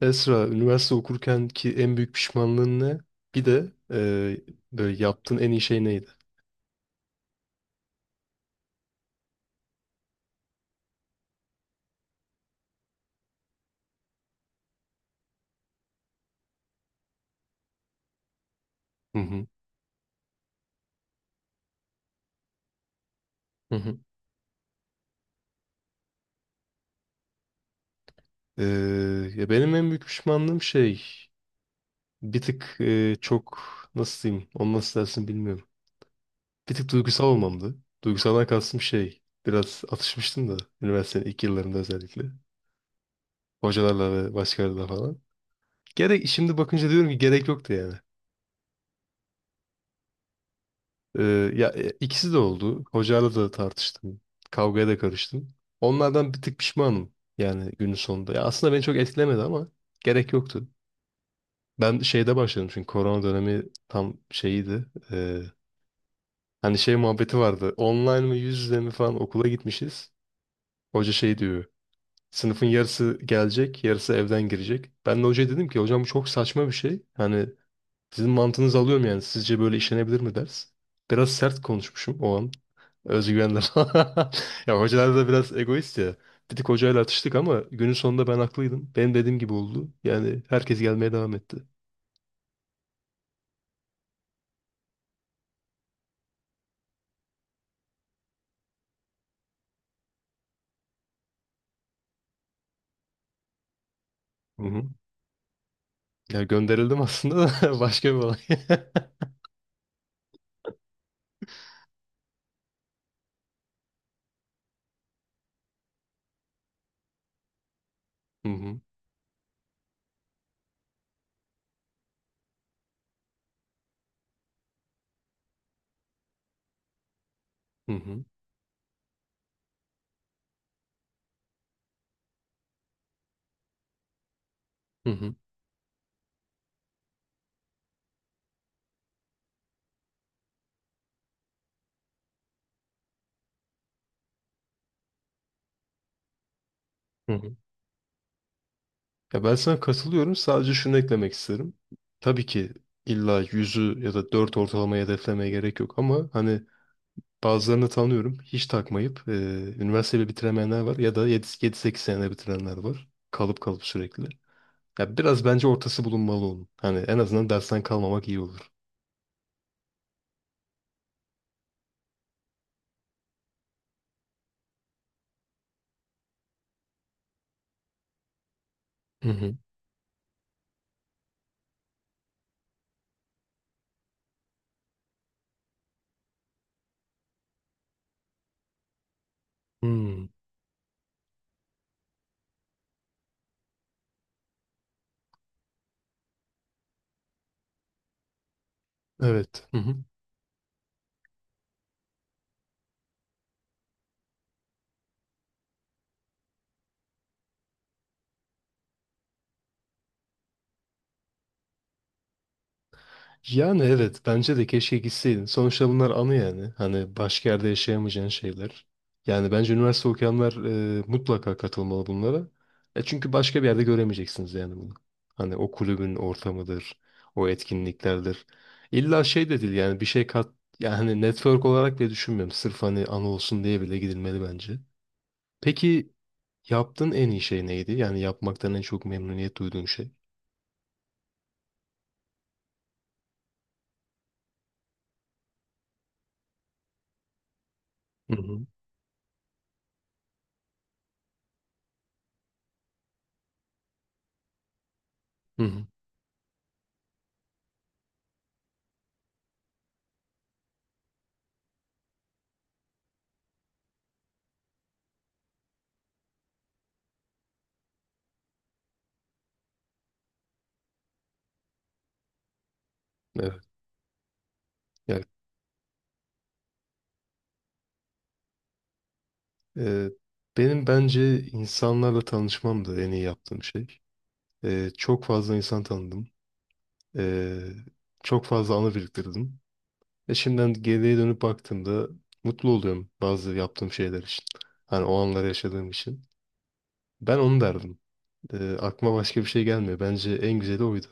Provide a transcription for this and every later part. Esra, üniversite okurken ki en büyük pişmanlığın ne? Bir de böyle yaptığın en iyi şey neydi? Hı hı. Hı hı. E, ya benim en büyük pişmanlığım şey bir tık çok nasıl diyeyim onu nasıl dersin bilmiyorum. Bir tık duygusal olmamdı. Duygusaldan kastım şey biraz atışmıştım da üniversitenin ilk yıllarında özellikle. Hocalarla ve başkalarıyla falan. Gerek, şimdi bakınca diyorum ki gerek yoktu yani. Ee, ya ikisi de oldu. Hocayla da tartıştım. Kavgaya da karıştım. Onlardan bir tık pişmanım yani günün sonunda. Ya aslında beni çok etkilemedi ama gerek yoktu. Ben şeyde başladım çünkü korona dönemi tam şeyiydi. Ee, hani şey muhabbeti vardı. Online mi yüz yüze mi falan okula gitmişiz. Hoca şey diyor. Sınıfın yarısı gelecek, yarısı evden girecek. Ben de hocaya dedim ki hocam bu çok saçma bir şey. Hani sizin mantığınızı alıyorum yani. Sizce böyle işlenebilir mi ders? Biraz sert konuşmuşum o an. Özgüvenle falan. Ya hocalar da biraz egoist ya. Bir tık hocayla atıştık ama günün sonunda ben haklıydım. Benim dediğim gibi oldu. Yani herkes gelmeye devam etti. Hı hı. Ya gönderildim aslında da başka bir olay. Hı hı. Hı hı. Hı hı. Hı hı. Ya ben sana katılıyorum. Sadece şunu eklemek isterim. Tabii ki illa yüzü ya da dört ortalamayı hedeflemeye gerek yok ama hani bazılarını tanıyorum. Hiç takmayıp üniversiteyi bitiremeyenler var ya da yedi sekiz senede bitirenler var. Kalıp kalıp sürekli. Ya biraz bence ortası bulunmalı onun. Hani en azından dersten kalmamak iyi olur. Hı hı. Hmm. Evet. Yani evet bence de keşke gitseydin. Sonuçta bunlar anı yani. Hani başka yerde yaşayamayacağın şeyler. Yani bence üniversite okuyanlar mutlaka katılmalı bunlara. E çünkü başka bir yerde göremeyeceksiniz yani bunu. Hani o kulübün ortamıdır, o etkinliklerdir. İlla şey de değil yani bir şey kat yani hani network olarak bile düşünmüyorum. Sırf hani anı olsun diye bile gidilmeli bence. Peki yaptığın en iyi şey neydi? Yani yapmaktan en çok memnuniyet duyduğun şey. Hı hı. Hı hı. Evet. Ee, benim bence insanlarla tanışmam da en iyi yaptığım şey. Çok fazla insan tanıdım. Ee, çok fazla anı biriktirdim. Ve şimdiden geriye dönüp baktığımda mutlu oluyorum bazı yaptığım şeyler için. Hani o anları yaşadığım için. Ben onu derdim. Aklıma başka bir şey gelmiyor. Bence en güzeli oydu.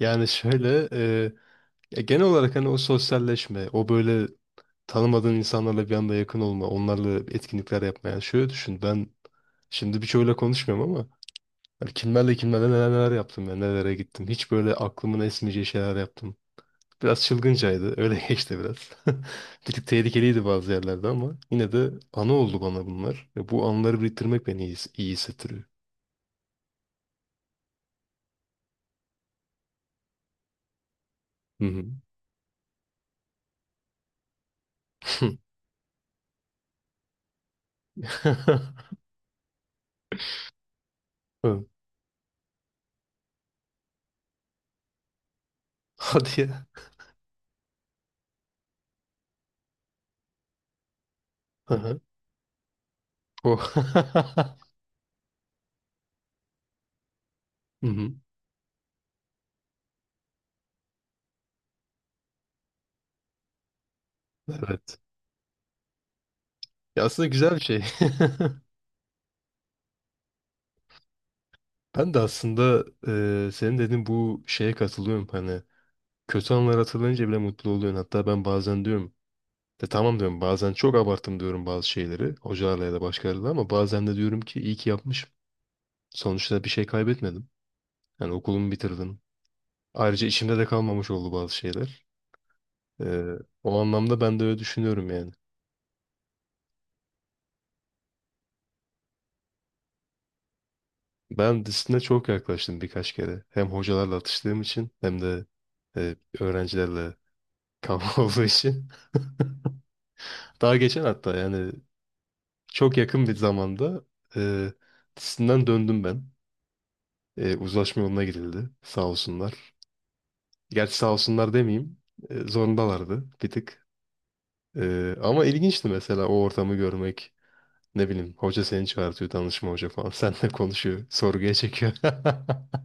Yani şöyle ya genel olarak hani o sosyalleşme, o böyle tanımadığın insanlarla bir anda yakın olma, onlarla etkinlikler yapma. Yani şöyle düşün ben şimdi birçoğuyla konuşmuyorum ama hani kimlerle kimlerle neler neler yaptım ya nelere gittim. Hiç böyle aklımın esmeyeceği şeyler yaptım. Biraz çılgıncaydı. Öyle geçti biraz. Bir tık tehlikeliydi bazı yerlerde ama yine de anı oldu bana bunlar. Ve bu anıları biriktirmek beni iyi, iyi hissettiriyor. Hı hı. Hı. Hadi ya. Hı hı. Oh. Hı hı. Evet. Ya aslında güzel bir şey. Ben de aslında senin dediğin bu şeye katılıyorum. Hani kötü anlar hatırlayınca bile mutlu oluyorsun. Hatta ben bazen diyorum de tamam diyorum bazen çok abarttım diyorum bazı şeyleri hocalarla ya da başkalarıyla ama bazen de diyorum ki iyi ki yapmışım. Sonuçta bir şey kaybetmedim. Yani okulumu bitirdim. Ayrıca içimde de kalmamış oldu bazı şeyler. Eee, o anlamda ben de öyle düşünüyorum yani. Ben disipline çok yaklaştım birkaç kere. Hem hocalarla atıştığım için hem de öğrencilerle kavga olduğu için. Daha geçen hatta yani çok yakın bir zamanda e, tisinden döndüm ben. E, uzlaşma yoluna girildi. Sağ olsunlar. Gerçi sağ olsunlar demeyeyim. E, zorundalardı bir tık. E, ama ilginçti mesela o ortamı görmek. Ne bileyim hoca seni çağırtıyor danışma hoca falan. Seninle konuşuyor. Sorguya çekiyor.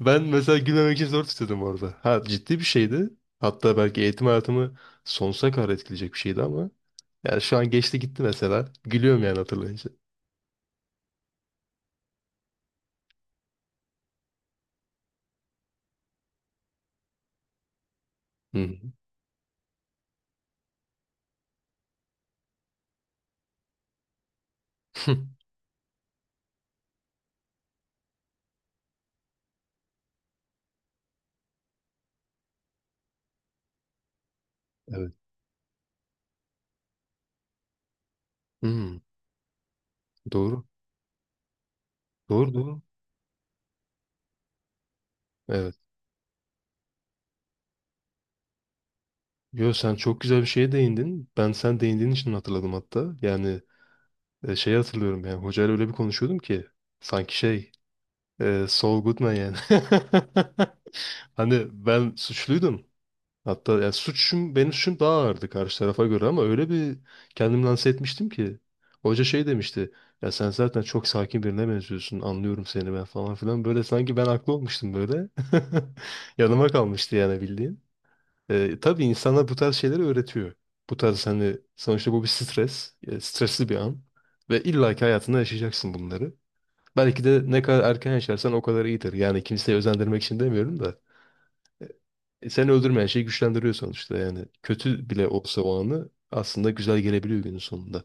Ben mesela gülmemek için zor tutuyordum orada. Ha ciddi bir şeydi. Hatta belki eğitim hayatımı sonsuza kadar etkileyecek bir şeydi ama yani şu an geçti gitti mesela. Gülüyorum yani hatırlayınca. Hı hı. Evet. Hı. Doğru. Doğru doğru. Evet. Yo sen çok güzel bir şeye değindin. Ben sen değindiğin için hatırladım hatta. Yani şeyi hatırlıyorum yani hocayla öyle bir konuşuyordum ki sanki şey Saul Goodman yani. Hani ben suçluydum. Hatta yani suçum benim suçum daha ağırdı karşı tarafa göre ama öyle bir kendimi lanse etmiştim ki hoca şey demişti. Ya sen zaten çok sakin birine benziyorsun. Anlıyorum seni ben falan filan. Böyle sanki ben haklı olmuştum böyle. Yanıma kalmıştı yani bildiğin. E, tabii insana bu tarz şeyleri öğretiyor. Bu tarz hani sonuçta bu bir stres. Stresli bir an. Ve illaki hayatında yaşayacaksın bunları. Belki de ne kadar erken yaşarsan o kadar iyidir. Yani kimseyi özendirmek için demiyorum da seni öldürmeyen şey güçlendiriyor sonuçta. Yani kötü bile olsa o anı aslında güzel gelebiliyor günün sonunda.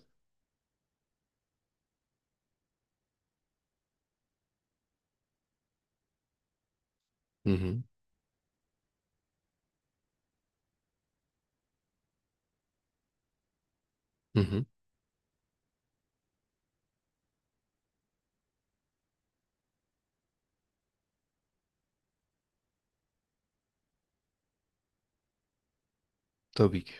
Hı hı. Hı hı. Tabii ki.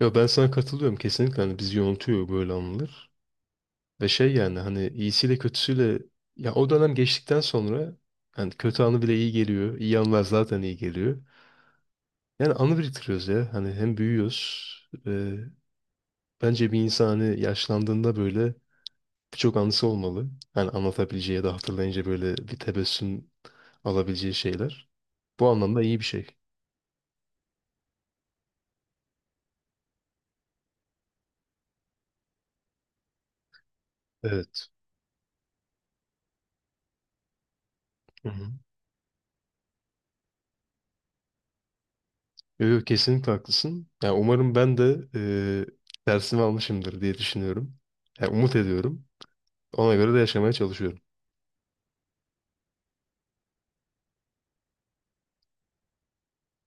Ya ben sana katılıyorum kesinlikle. Hani bizi yontuyor böyle anılar. Ve şey yani hani iyisiyle kötüsüyle ya o dönem geçtikten sonra hani kötü anı bile iyi geliyor. İyi anılar zaten iyi geliyor. Yani anı biriktiriyoruz ya. Hani hem büyüyoruz. e, Bence bir insan hani yaşlandığında böyle birçok anısı olmalı. Hani anlatabileceği ya da hatırlayınca böyle bir tebessüm alabileceği şeyler. Bu anlamda iyi bir şey. Evet. Hı hı. Yo, yo, kesinlikle haklısın. Yani umarım ben de dersimi almışımdır diye düşünüyorum. Yani umut ediyorum. Ona göre de yaşamaya çalışıyorum.